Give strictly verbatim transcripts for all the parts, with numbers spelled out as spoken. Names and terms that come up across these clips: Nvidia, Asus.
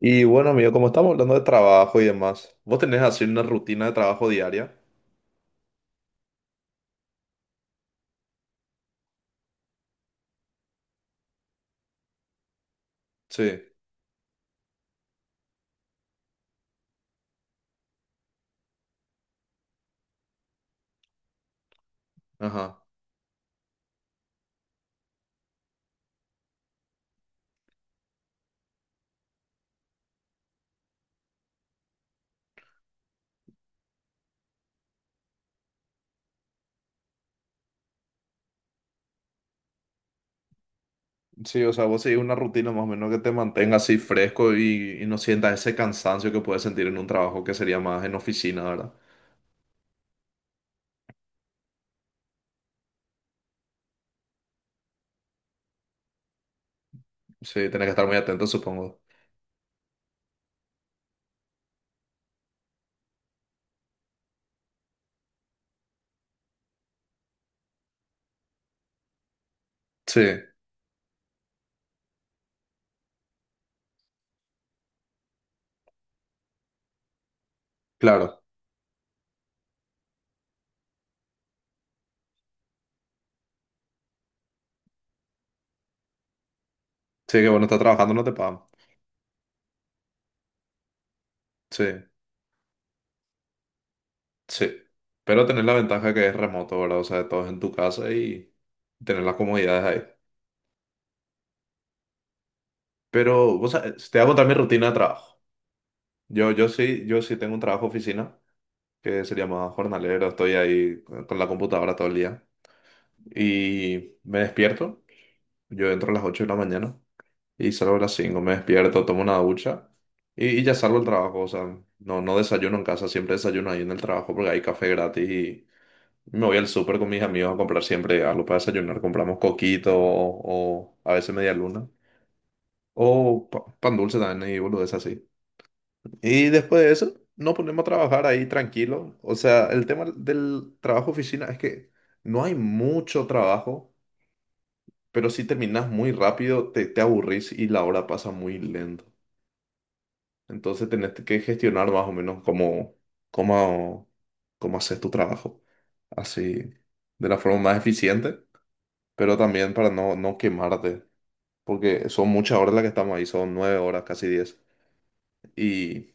Y bueno, amigo, como estamos hablando de trabajo y demás, ¿vos tenés así una rutina de trabajo diaria? Sí, ajá. Sí, o sea, vos seguís una rutina más o menos que te mantenga así fresco y, y no sientas ese cansancio que puedes sentir en un trabajo que sería más en oficina, ¿verdad? Sí, tenés que estar muy atento, supongo. Sí, claro. Sí, que bueno, estás trabajando, no te pagan. Sí, sí. Pero tenés la ventaja que es remoto, ¿verdad? O sea, todo es en tu casa y tener las comodidades ahí. Pero, o sea, te voy a contar mi rutina de trabajo. Yo, yo sí, yo sí tengo un trabajo de oficina, que sería más jornalero, estoy ahí con con la computadora todo el día. Y me despierto, yo entro a las ocho de la mañana y salgo a las cinco. Me despierto, tomo una ducha y, y ya salgo al trabajo, o sea, no, no desayuno en casa, siempre desayuno ahí en el trabajo porque hay café gratis y me voy al súper con mis amigos a comprar siempre algo para desayunar. Compramos coquito o, o a veces media luna o pa- pan dulce también y boludeces así. Y después de eso, nos ponemos a trabajar ahí tranquilo. O sea, el tema del trabajo oficina es que no hay mucho trabajo, pero si terminas muy rápido, te, te aburrís y la hora pasa muy lento. Entonces tenés que gestionar más o menos cómo, cómo, cómo haces tu trabajo. Así, de la forma más eficiente, pero también para no, no quemarte. Porque son muchas horas las que estamos ahí, son nueve horas, casi diez. Y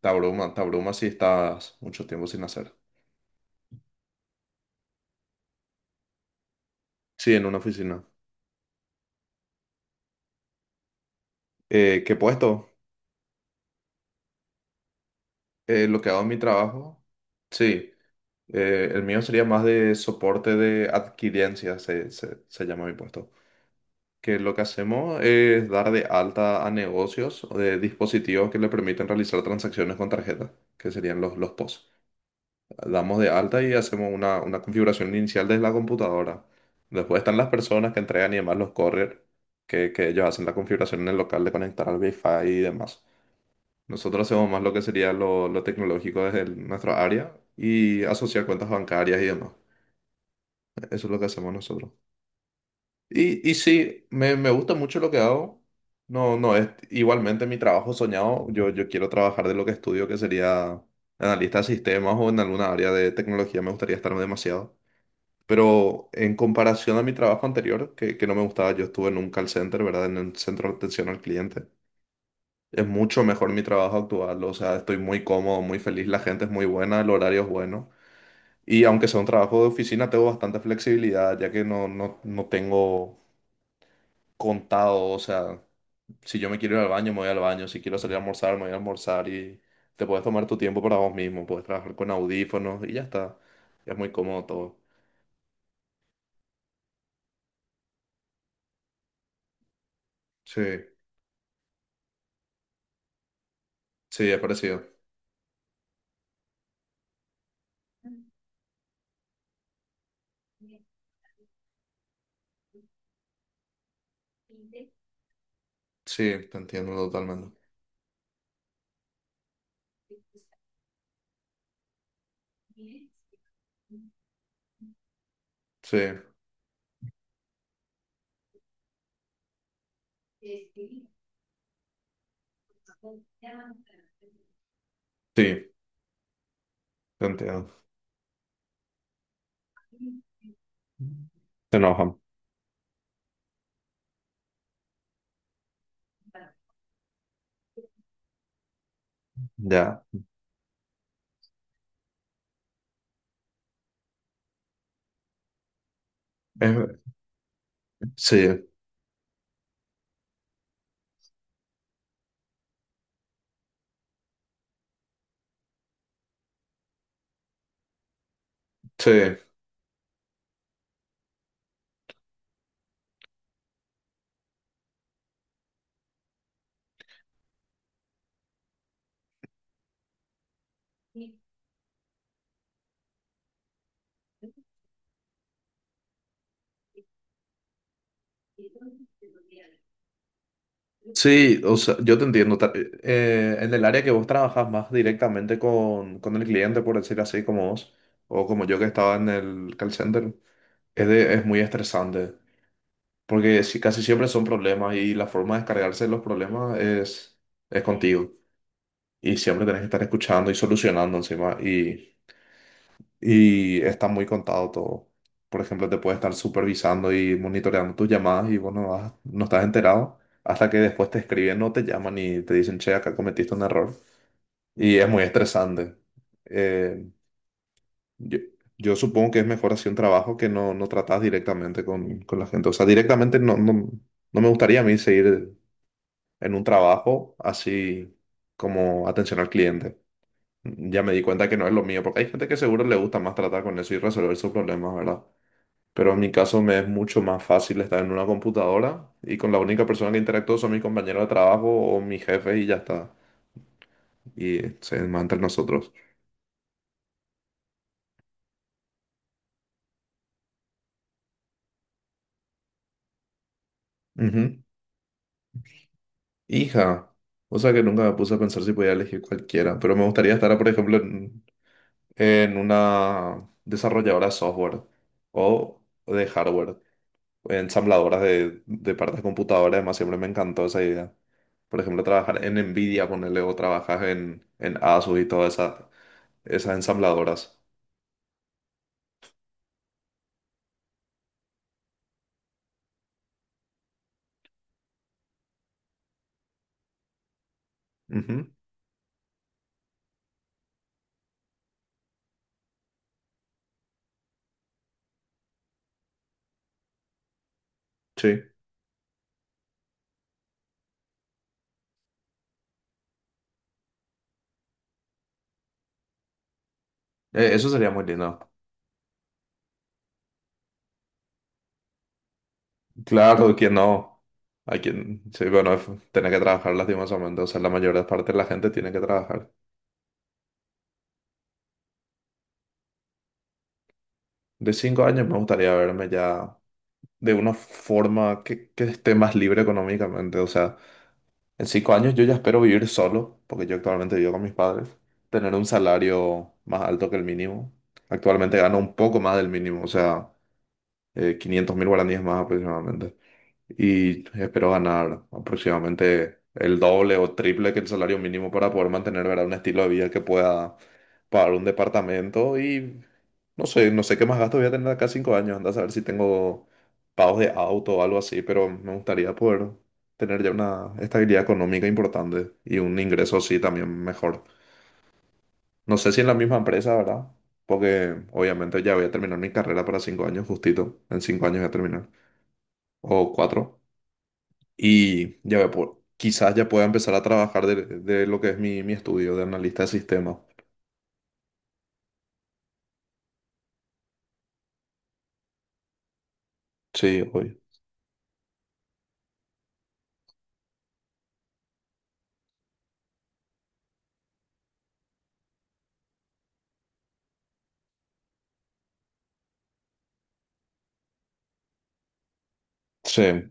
te abruma, te abruma si estás mucho tiempo sin hacer. Sí, en una oficina. Eh, ¿qué puesto? Eh, lo que hago en mi trabajo. Sí, eh, el mío sería más de soporte de adquirencia, se, se- se llama mi puesto. Que lo que hacemos es dar de alta a negocios o de dispositivos que le permiten realizar transacciones con tarjeta, que serían los, los P O S. Damos de alta y hacemos una, una configuración inicial desde la computadora. Después están las personas que entregan y demás los correr, que, que ellos hacen la configuración en el local de conectar al Wi-Fi y demás. Nosotros hacemos más lo que sería lo, lo tecnológico desde el- nuestra área y asociar cuentas bancarias y demás. Eso es lo que hacemos nosotros. Y, y sí, me, me gusta mucho lo que hago. No, no es igualmente mi trabajo soñado. Yo, yo quiero trabajar de lo que estudio, que sería analista de sistemas o en alguna área de tecnología. Me gustaría estar demasiado. Pero en comparación a mi trabajo anterior, que, que no me gustaba, yo estuve en un call center, ¿verdad? En el centro de atención al cliente. Es mucho mejor mi trabajo actual, o sea, estoy muy cómodo, muy feliz, la gente es muy buena, el horario es bueno. Y aunque sea un trabajo de oficina, tengo bastante flexibilidad, ya que no, no, no tengo contado, o sea, si yo me quiero ir al baño, me voy al baño, si quiero salir a almorzar, me voy a almorzar y te puedes tomar tu tiempo para vos mismo, puedes trabajar con audífonos y ya está. Es muy cómodo todo. Sí, sí, es parecido. Sí, te entiendo totalmente. Sí, sí, te entiendo. Se enojan. Ya. Es- sí, sí. Sí, o sea, yo te entiendo. Ta- eh, en el área que vos trabajas más directamente con, con el cliente, por decir así, como vos, o como yo que estaba en el call center, es, de- es muy estresante, porque si, casi siempre son problemas y la forma de descargarse de los problemas es, es contigo. Y siempre tenés que estar escuchando y solucionando encima. Y y está muy contado todo. Por ejemplo, te puede estar supervisando y monitoreando tus llamadas y vos no, vas- no estás enterado hasta que después te escriben o te llaman y te dicen, che, acá cometiste un error. Y es muy estresante. Eh, yo, yo supongo que es mejor así un trabajo que no, no tratas directamente con, con la gente. O sea, directamente no, no, no me gustaría a mí seguir en un trabajo así como atención al cliente. Ya me di cuenta que no es lo mío, porque hay gente que seguro le gusta más tratar con eso y resolver sus problemas, ¿verdad? Pero en mi caso me es mucho más fácil estar en una computadora y con la única persona que interactúo son mis compañeros de trabajo o mis jefes y ya está. Y se demás entre nosotros. Ujú. Hija, o sea que nunca me puse a pensar si podía elegir cualquiera, pero me gustaría estar, por ejemplo, en, en una desarrolladora de software o de hardware. Ensambladoras de, de partes de computadora, además siempre me encantó esa idea. Por ejemplo, trabajar en Nvidia, ponerle o trabajas en, en Asus y todas esa- esas ensambladoras. Ujú, sí, eh, eso sería muy lindo. Claro, que no. A quien, sí, bueno, f- tiene que trabajar lastimosamente, o sea, la mayor parte de la gente tiene que trabajar. De cinco años me gustaría verme ya de una forma que, que esté más libre económicamente, o sea. En cinco años yo ya espero vivir solo, porque yo actualmente vivo con mis padres, tener un salario más alto que el mínimo. Actualmente gano un poco más del mínimo, o sea, eh, quinientos mil guaraníes más aproximadamente y espero ganar aproximadamente el doble o triple que el salario mínimo para poder mantener, ¿verdad? Un estilo de vida que pueda pagar un departamento y no sé, no sé qué más gastos voy a tener acá cinco años, anda a saber si tengo pagos de auto o algo así, pero me gustaría poder tener ya una estabilidad económica importante y un ingreso así también mejor. No sé si en la misma empresa, ¿verdad? Porque obviamente ya voy a terminar mi carrera para cinco años, justito. En cinco años voy a terminar. O cuatro y ya ve, por- quizás ya pueda empezar a trabajar de, de lo que es mi, mi estudio de analista de sistemas. Sí, obvio. Sí.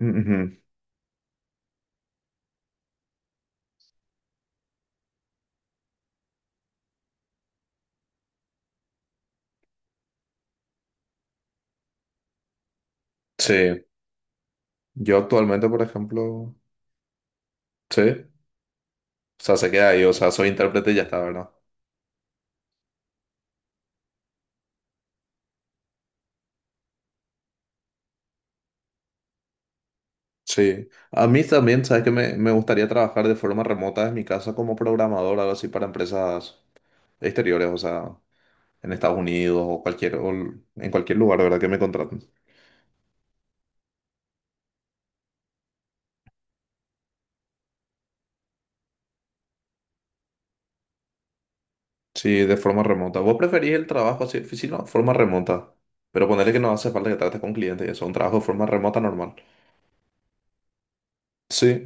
Ujú, sí. Yo actualmente, por ejemplo, sí. O sea, se queda ahí, o sea, soy intérprete y ya está, ¿verdad? Sí. A mí también, ¿sabes que Me, me gustaría trabajar de forma remota desde mi casa como programador, algo así, para empresas exteriores, o sea, en Estados Unidos o cualquier, o en cualquier lugar, ¿verdad? Que me contraten. Sí, de forma remota. ¿Vos preferís el trabajo así, oficina, o forma remota? Pero ponerle que no hace falta que trates con clientes y eso, un trabajo de forma remota normal. Sí,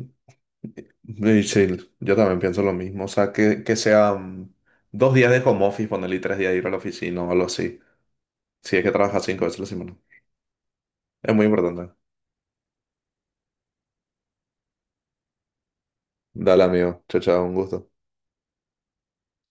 y sí, yo también pienso lo mismo. O sea, que, que sean dos días de home office, ponerle y tres días de ir a la oficina o algo así. Si es que trabajas cinco veces a la semana. Es muy importante. Dale, amigo. Chao, chao, un gusto.